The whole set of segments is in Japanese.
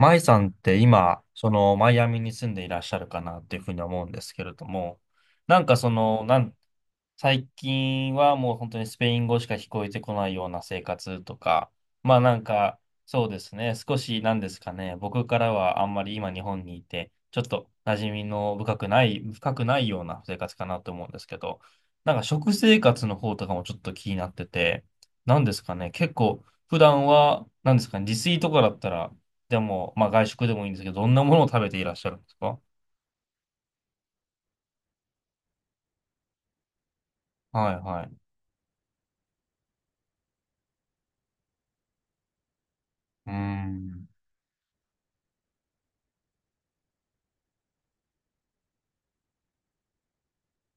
マイさんって今、そのマイアミに住んでいらっしゃるかなっていうふうに思うんですけれども、なんか最近はもう本当にスペイン語しか聞こえてこないような生活とか、まあなんか、そうですね、少しなんですかね、僕からはあんまり今日本にいて、ちょっと馴染みの深くないような生活かなと思うんですけど、なんか食生活の方とかもちょっと気になってて、なんですかね、結構普段は、なんですかね、自炊とかだったら、でも、まあ外食でもいいんですけど、どんなものを食べていらっしゃるんですか？はいはい。うーん。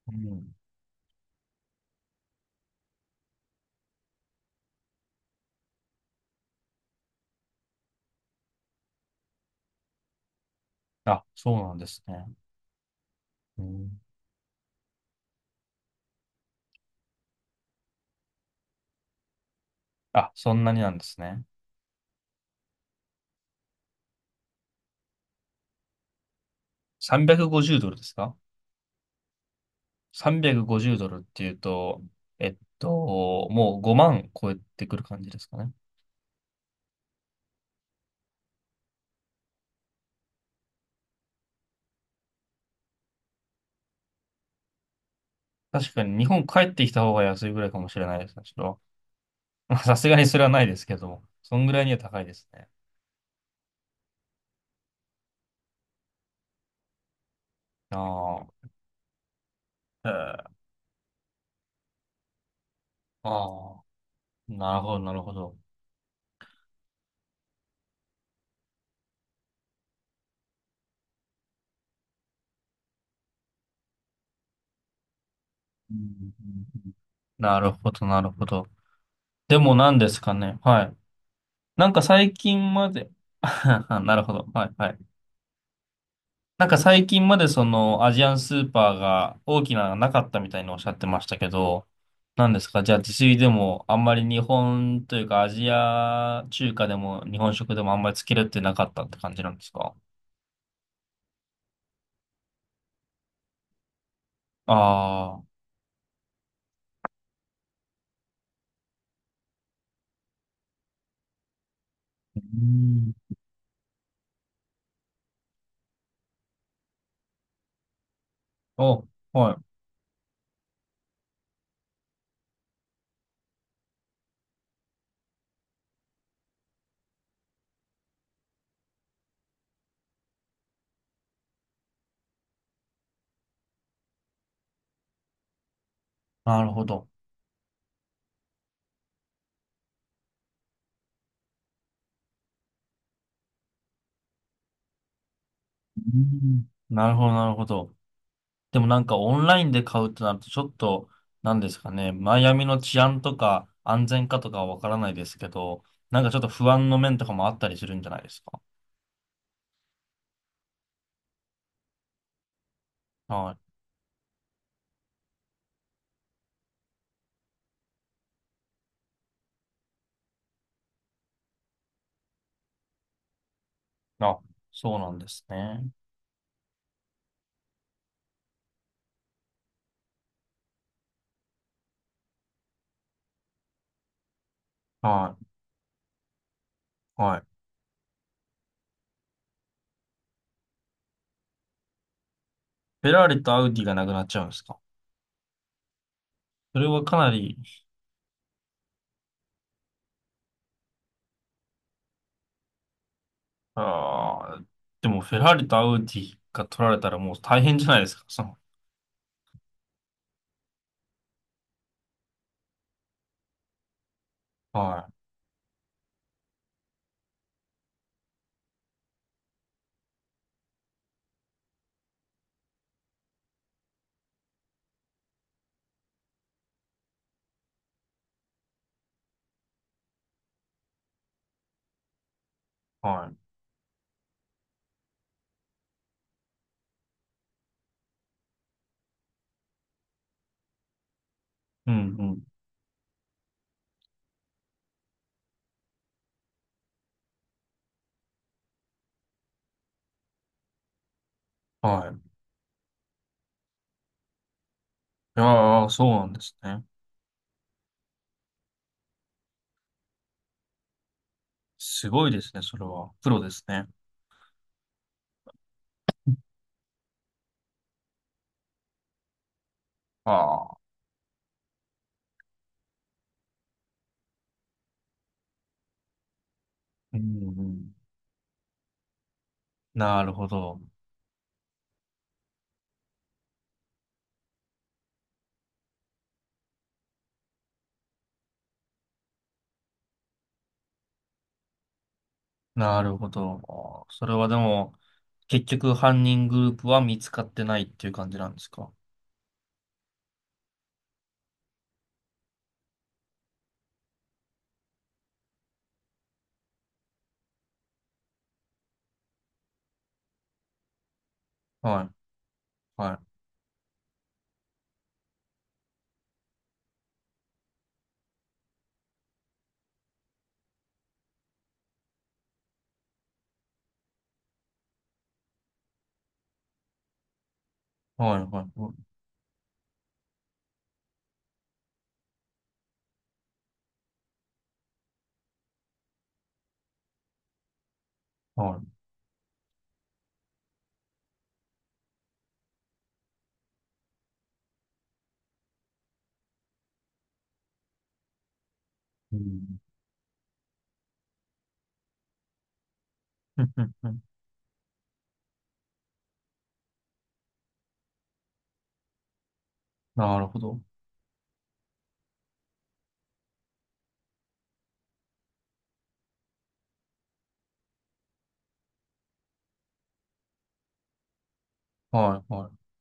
うん。あ、そうなんですね。うん。あ、そんなになんですね。350ドルですか？ 350 ドルっていうと、もう5万超えてくる感じですかね。確かに日本帰ってきた方が安いぐらいかもしれないですね。ちょっと、まあさすがにそれはないですけども、そんぐらいには高いですね。ああ、ええ、ああ、なるほど、なるほど。うんうんうん、なるほど、なるほど。でも何ですかね。はい。なんか最近まで、なるほど。はい、はい。なんか最近までそのアジアンスーパーが大きなのがなかったみたいにおっしゃってましたけど、何ですか、じゃあ自炊でもあんまり日本というかアジア中華でも日本食でもあんまりつけるってなかったって感じなんですか？ああー。うん。お、はい。なるほど。うん、なるほど、なるほど。でもなんかオンラインで買うとなるとちょっと、なんですかね、マイアミの治安とか安全かとかはわからないですけど、なんかちょっと不安の面とかもあったりするんじゃないですか。はい。あ、そうなんですね。はい。はい。フェラーリとアウディがなくなっちゃうんですか？それはかなり、あーでもフェラーリとアウディが取られたらもう大変じゃないですか。はい。はい。うん、うん。はい。いやー、そうなんですね。すごいですね、それは。プロですね。ああ。うんうん、なるほど。なるほど。それはでも、結局犯人グループは見つかってないっていう感じなんですか？はい。はい。はい。はい。はい。うん。うんうんふん、なるほど。はい。はい。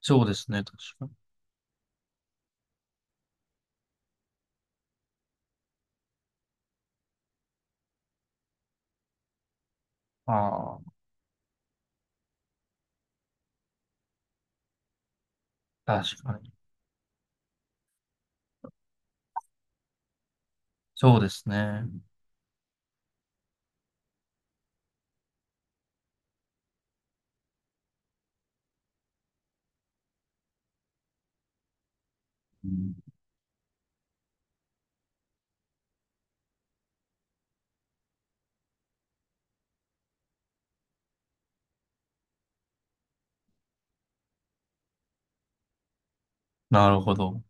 そうですね。確かに。ああ、確かに。そうですね。うん、なるほど。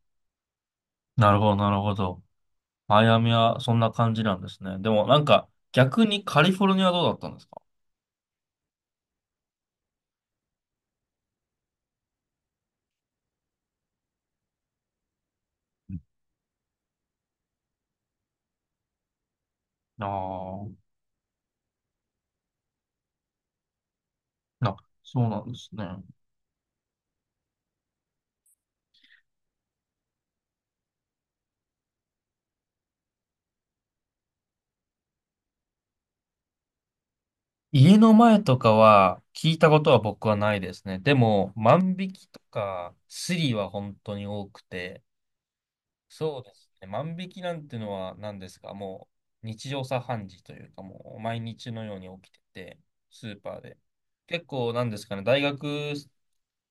なるほど。なるほど。マイアミはそんな感じなんですね。でもなんか、逆にカリフォルニアはどうだったんですか？ああー、な、そうなんですね。家の前とかは聞いたことは僕はないですね。でも、万引きとか、スリは本当に多くて、そうですね。万引きなんてのは何ですか、もう日常茶飯事というか、もう毎日のように起きてて、スーパーで。結構なんですかね、大学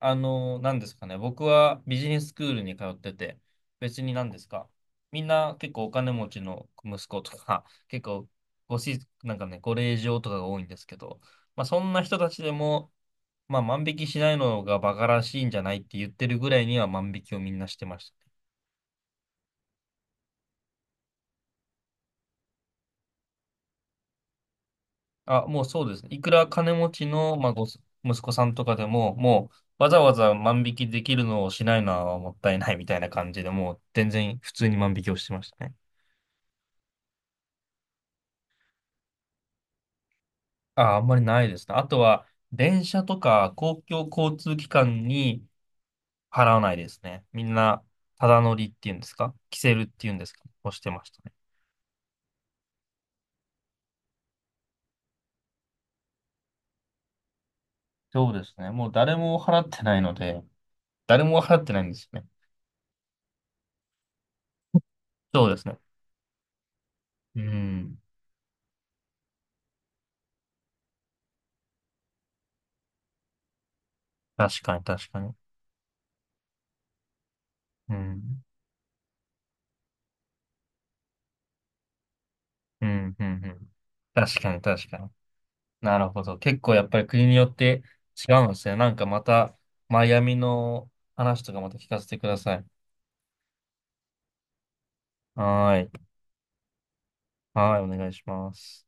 あの、何ですかね。僕はビジネススクールに通ってて、別に何ですか。みんな結構お金持ちの息子とか、結構なんかね、ご令嬢とかが多いんですけど、まあそんな人たちでも、まあ万引きしないのがバカらしいんじゃないって言ってるぐらいには万引きをみんなしてましたね。あ、もうそうですね。いくら金持ちの、まあ、息子さんとかでも、もうわざわざ万引きできるのをしないのはもったいないみたいな感じで、もう全然普通に万引きをしてましたね。あ、あんまりないですね。あとは、電車とか公共交通機関に払わないですね。みんな、ただ乗りっていうんですかキセルっていうんですかをしてましたね。そうですね。もう誰も払ってないので、誰も払ってないんですよね。そうですね。うん。確かに、確かに。うん。うん、うん、うん。確かに、確かに。なるほど。結構やっぱり国によって違うんですね。なんかまた、マイアミの話とかまた聞かせてください。はーい。はーい、お願いします。